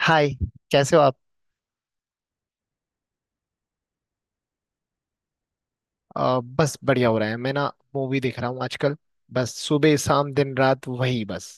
हाय। कैसे हो आप। बस बढ़िया हो रहा है। मैं ना मूवी देख रहा हूँ आजकल। बस सुबह शाम दिन रात वही बस।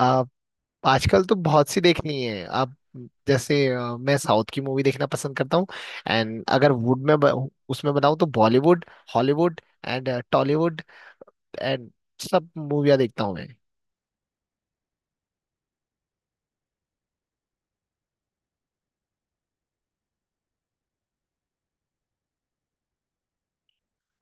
आप आजकल तो बहुत सी देखनी है। आप जैसे मैं साउथ की मूवी देखना पसंद करता हूँ। एंड अगर वुड में उसमें बताऊँ तो Bollywood, Hollywood and Tollywood and सब मूवियाँ देखता हूँ मैं।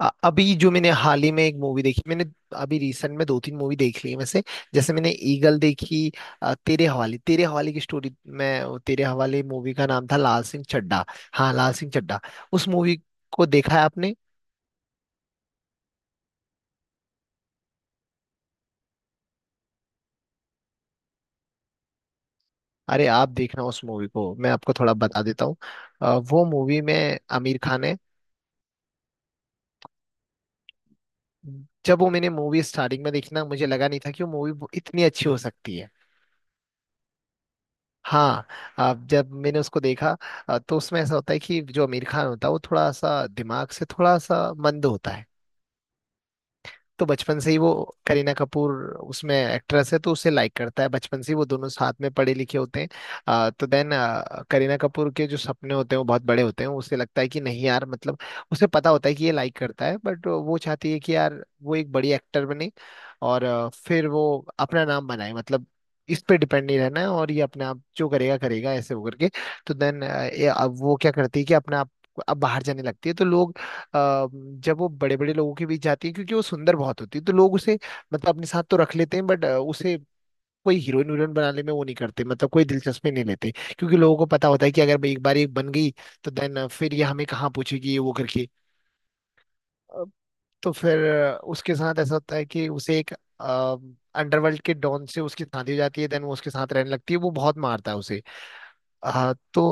अभी जो मैंने हाल ही में एक मूवी देखी मैंने। अभी रिसेंट में दो तीन मूवी देख ली है वैसे। जैसे मैंने ईगल देखी। तेरे हवाले की स्टोरी में, वो तेरे हवाले मूवी का नाम था लाल सिंह चड्ढा। हाँ लाल सिंह चड्ढा। उस मूवी को देखा है आपने। अरे आप देखना उस मूवी को, मैं आपको थोड़ा बता देता हूँ। वो मूवी में आमिर खान है। जब वो मैंने मूवी स्टार्टिंग में देखी ना, मुझे लगा नहीं था कि वो मूवी इतनी अच्छी हो सकती है। हाँ। अब जब मैंने उसको देखा, तो उसमें ऐसा होता है कि जो आमिर खान होता है वो थोड़ा सा दिमाग से थोड़ा सा मंद होता है। तो बचपन से ही वो करीना कपूर, उसमें एक्ट्रेस है, तो उसे लाइक करता है बचपन से ही। वो दोनों साथ में पढ़े लिखे होते हैं। तो देन करीना कपूर के जो सपने होते हैं वो बहुत बड़े होते हैं। उसे लगता है कि नहीं यार मतलब, उसे पता होता है कि ये लाइक करता है बट वो चाहती है कि यार वो एक बड़ी एक्टर बने और फिर वो अपना नाम बनाए। मतलब इस पे डिपेंड नहीं रहना है, और ये अपने आप जो करेगा करेगा ऐसे वो करके। तो देन अब वो क्या करती है कि अपने आप अब बाहर जाने लगती है। तो लोग, अ, जब वो बड़े बड़े लोगों के बीच जाती है क्योंकि वो सुंदर बहुत होती है, तो लोग उसे मतलब अपने साथ तो रख लेते हैं, बट उसे कोई हीरोइन वीरोइन बनाने में वो नहीं करते, मतलब कोई दिलचस्पी नहीं लेते। क्योंकि लोगों को पता होता है कि अगर भाई एक बार ये बन गई तो देन फिर ये हमें कहाँ पूछेगी ये वो करके। अ, तो फिर उसके साथ ऐसा होता है कि उसे एक अंडरवर्ल्ड के डॉन से उसकी शादी हो जाती है। देन वो उसके साथ रहने लगती है, वो बहुत मारता है उसे। हाँ। तो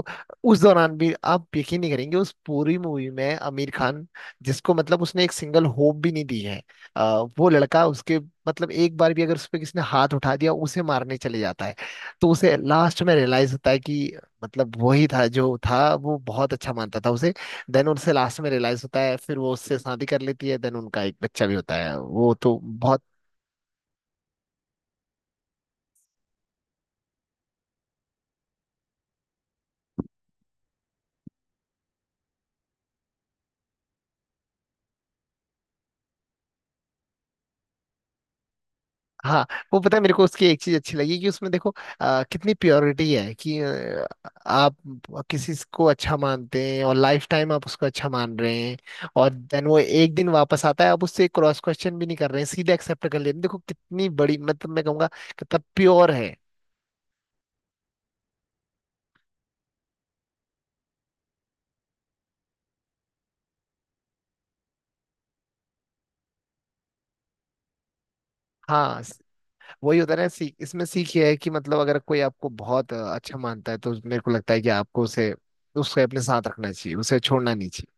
उस दौरान भी आप यकीन नहीं करेंगे, उस पूरी मूवी में आमिर खान जिसको मतलब उसने एक सिंगल होप भी नहीं दी है, वो लड़का उसके मतलब एक बार भी अगर उस पे किसी ने हाथ उठा दिया उसे मारने चले जाता है। तो उसे लास्ट में रियलाइज होता है कि मतलब वही था जो था, वो बहुत अच्छा मानता था उसे। देन उनसे लास्ट में रियलाइज होता है, फिर वो उससे शादी कर लेती है। देन उनका एक बच्चा भी होता है। वो तो बहुत। हाँ। वो पता है मेरे को उसकी एक चीज अच्छी लगी कि उसमें देखो कितनी प्योरिटी है कि आप किसी को अच्छा मानते हैं और लाइफ टाइम आप उसको अच्छा मान रहे हैं। और देन वो एक दिन वापस आता है, आप उससे क्रॉस क्वेश्चन भी नहीं कर रहे हैं, सीधे एक्सेप्ट कर लेते हैं। देखो कितनी बड़ी, मतलब मैं कहूँगा कितना प्योर है। हाँ वही होता है ना। सीख इसमें सीख ये है कि मतलब अगर कोई आपको बहुत अच्छा मानता है तो मेरे को लगता है कि आपको उसे उसे अपने साथ रखना चाहिए, उसे छोड़ना नहीं चाहिए।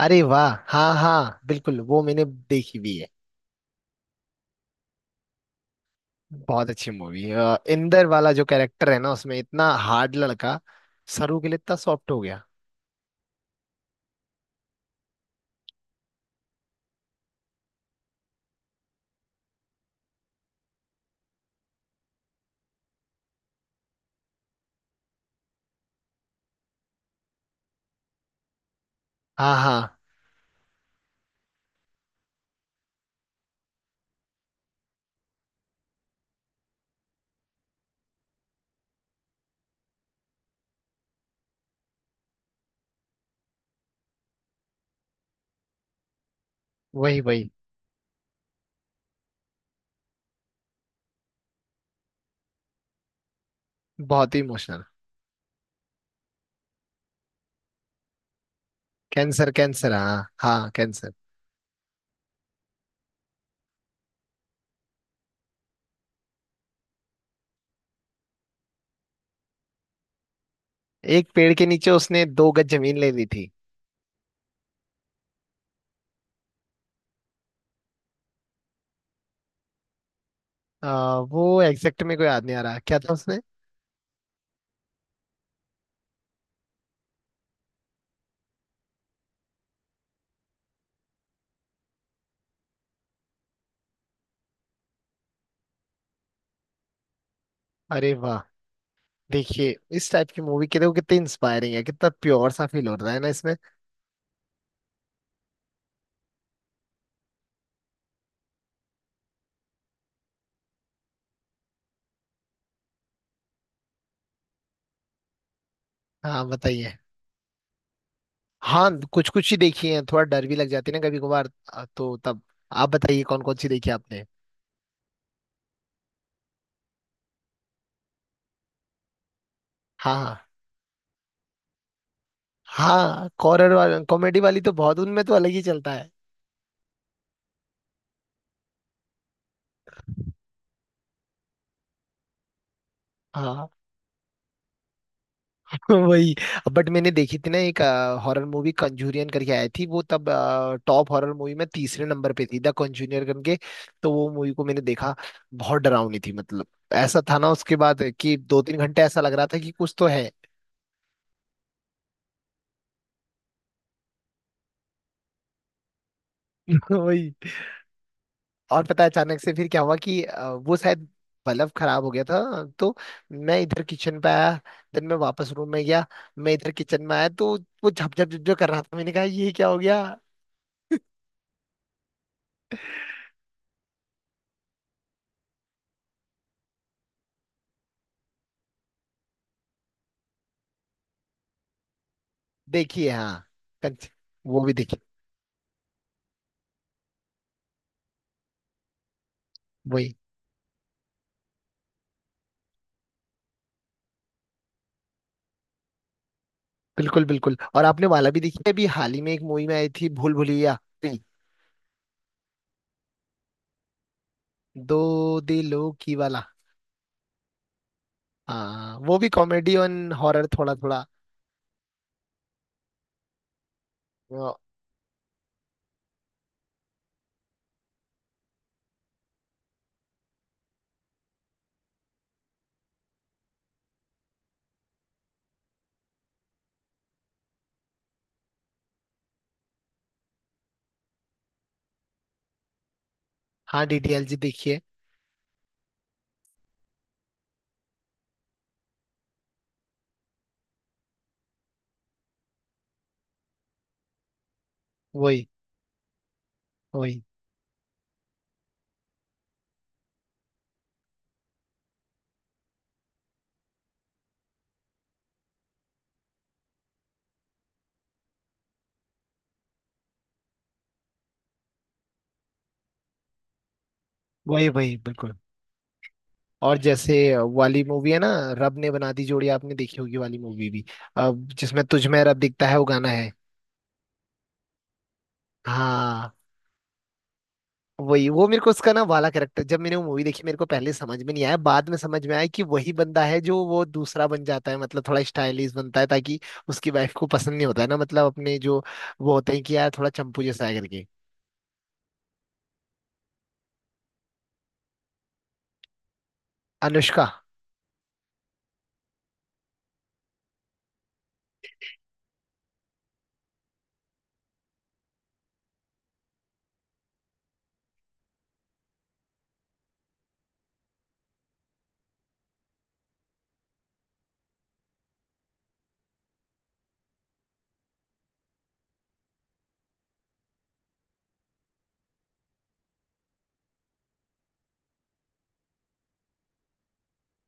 अरे वाह, हाँ हाँ बिल्कुल, वो मैंने देखी भी है। बहुत अच्छी मूवी। इंदर वाला जो कैरेक्टर है ना उसमें, इतना हार्ड लड़का सरू के लिए इतना सॉफ्ट हो गया। हाँ हाँ। वही वही। बहुत ही इमोशनल। कैंसर कैंसर हाँ हाँ कैंसर। एक पेड़ के नीचे उसने दो गज जमीन ले ली थी। वो एग्जैक्ट में कोई याद नहीं आ रहा क्या था उसने। अरे वाह। देखिए इस टाइप की मूवी के लिए, वो कितनी इंस्पायरिंग है, कितना प्योर सा फील हो रहा है ना इसमें। हाँ बताइए। हाँ कुछ कुछ ही देखी है, थोड़ा डर भी लग जाती है ना कभी कभार, तो तब आप बताइए कौन कौन सी देखी आपने। हाँ हाँ हाँ। कॉरर वाला कॉमेडी वाली तो बहुत, उनमें तो अलग ही चलता है। हाँ वही। बट मैंने देखी थी ना एक हॉरर मूवी, कंजूरियन करके आई थी वो तब। टॉप हॉरर मूवी में तीसरे नंबर पे थी द कंजूरियन करके। तो वो मूवी को मैंने देखा, बहुत डरावनी थी मतलब। ऐसा था ना उसके बाद कि दो तीन घंटे ऐसा लग रहा था कि कुछ तो है। वही। और पता है अचानक से फिर क्या हुआ कि वो शायद बल्ब खराब हो गया था। तो मैं इधर किचन पे आया, देन मैं वापस रूम में गया, मैं इधर किचन में आया तो वो झप झप झप झप कर रहा था। मैंने कहा ये क्या हो गया। देखिए हाँ। कंच। वो भी देखी। वही। बिल्कुल बिल्कुल। और आपने वाला भी देखी है? अभी हाल ही में एक मूवी में आई थी भूल भुलैया। नहीं, दो दिलों की वाला। हाँ वो भी कॉमेडी और हॉरर थोड़ा थोड़ा। हाँ डीडीएलजे देखिए। वही वही। वही वही बिल्कुल। और जैसे वाली मूवी है ना, रब ने बना दी जोड़ी आपने देखी होगी वाली मूवी भी। अब जिसमें तुझ में रब दिखता है वो गाना है। हाँ। वही। वो मेरे को उसका ना वाला कैरेक्टर जब मैंने वो मूवी देखी मेरे को पहले समझ में नहीं आया, बाद में समझ में आया कि वही बंदा है जो वो दूसरा बन जाता है। मतलब थोड़ा स्टाइलिश बनता है ताकि उसकी वाइफ को पसंद, नहीं होता है ना मतलब अपने जो वो होते हैं कि यार थोड़ा चंपू जैसा है करके। अनुष्का।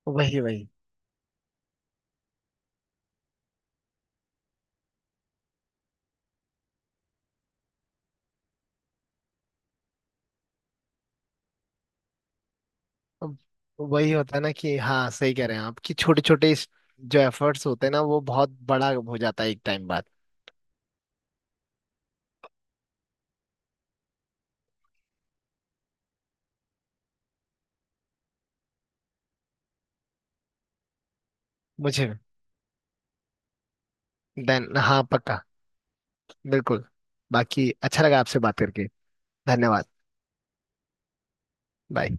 वही वही। अब वही होता है ना कि हाँ सही कह रहे हैं आप कि छोटे छोटे जो एफर्ट्स होते हैं ना वो बहुत बड़ा हो जाता है एक टाइम बाद। मुझे देन, हाँ पक्का। बिल्कुल। बाकी अच्छा लगा आपसे बात करके। धन्यवाद। बाय।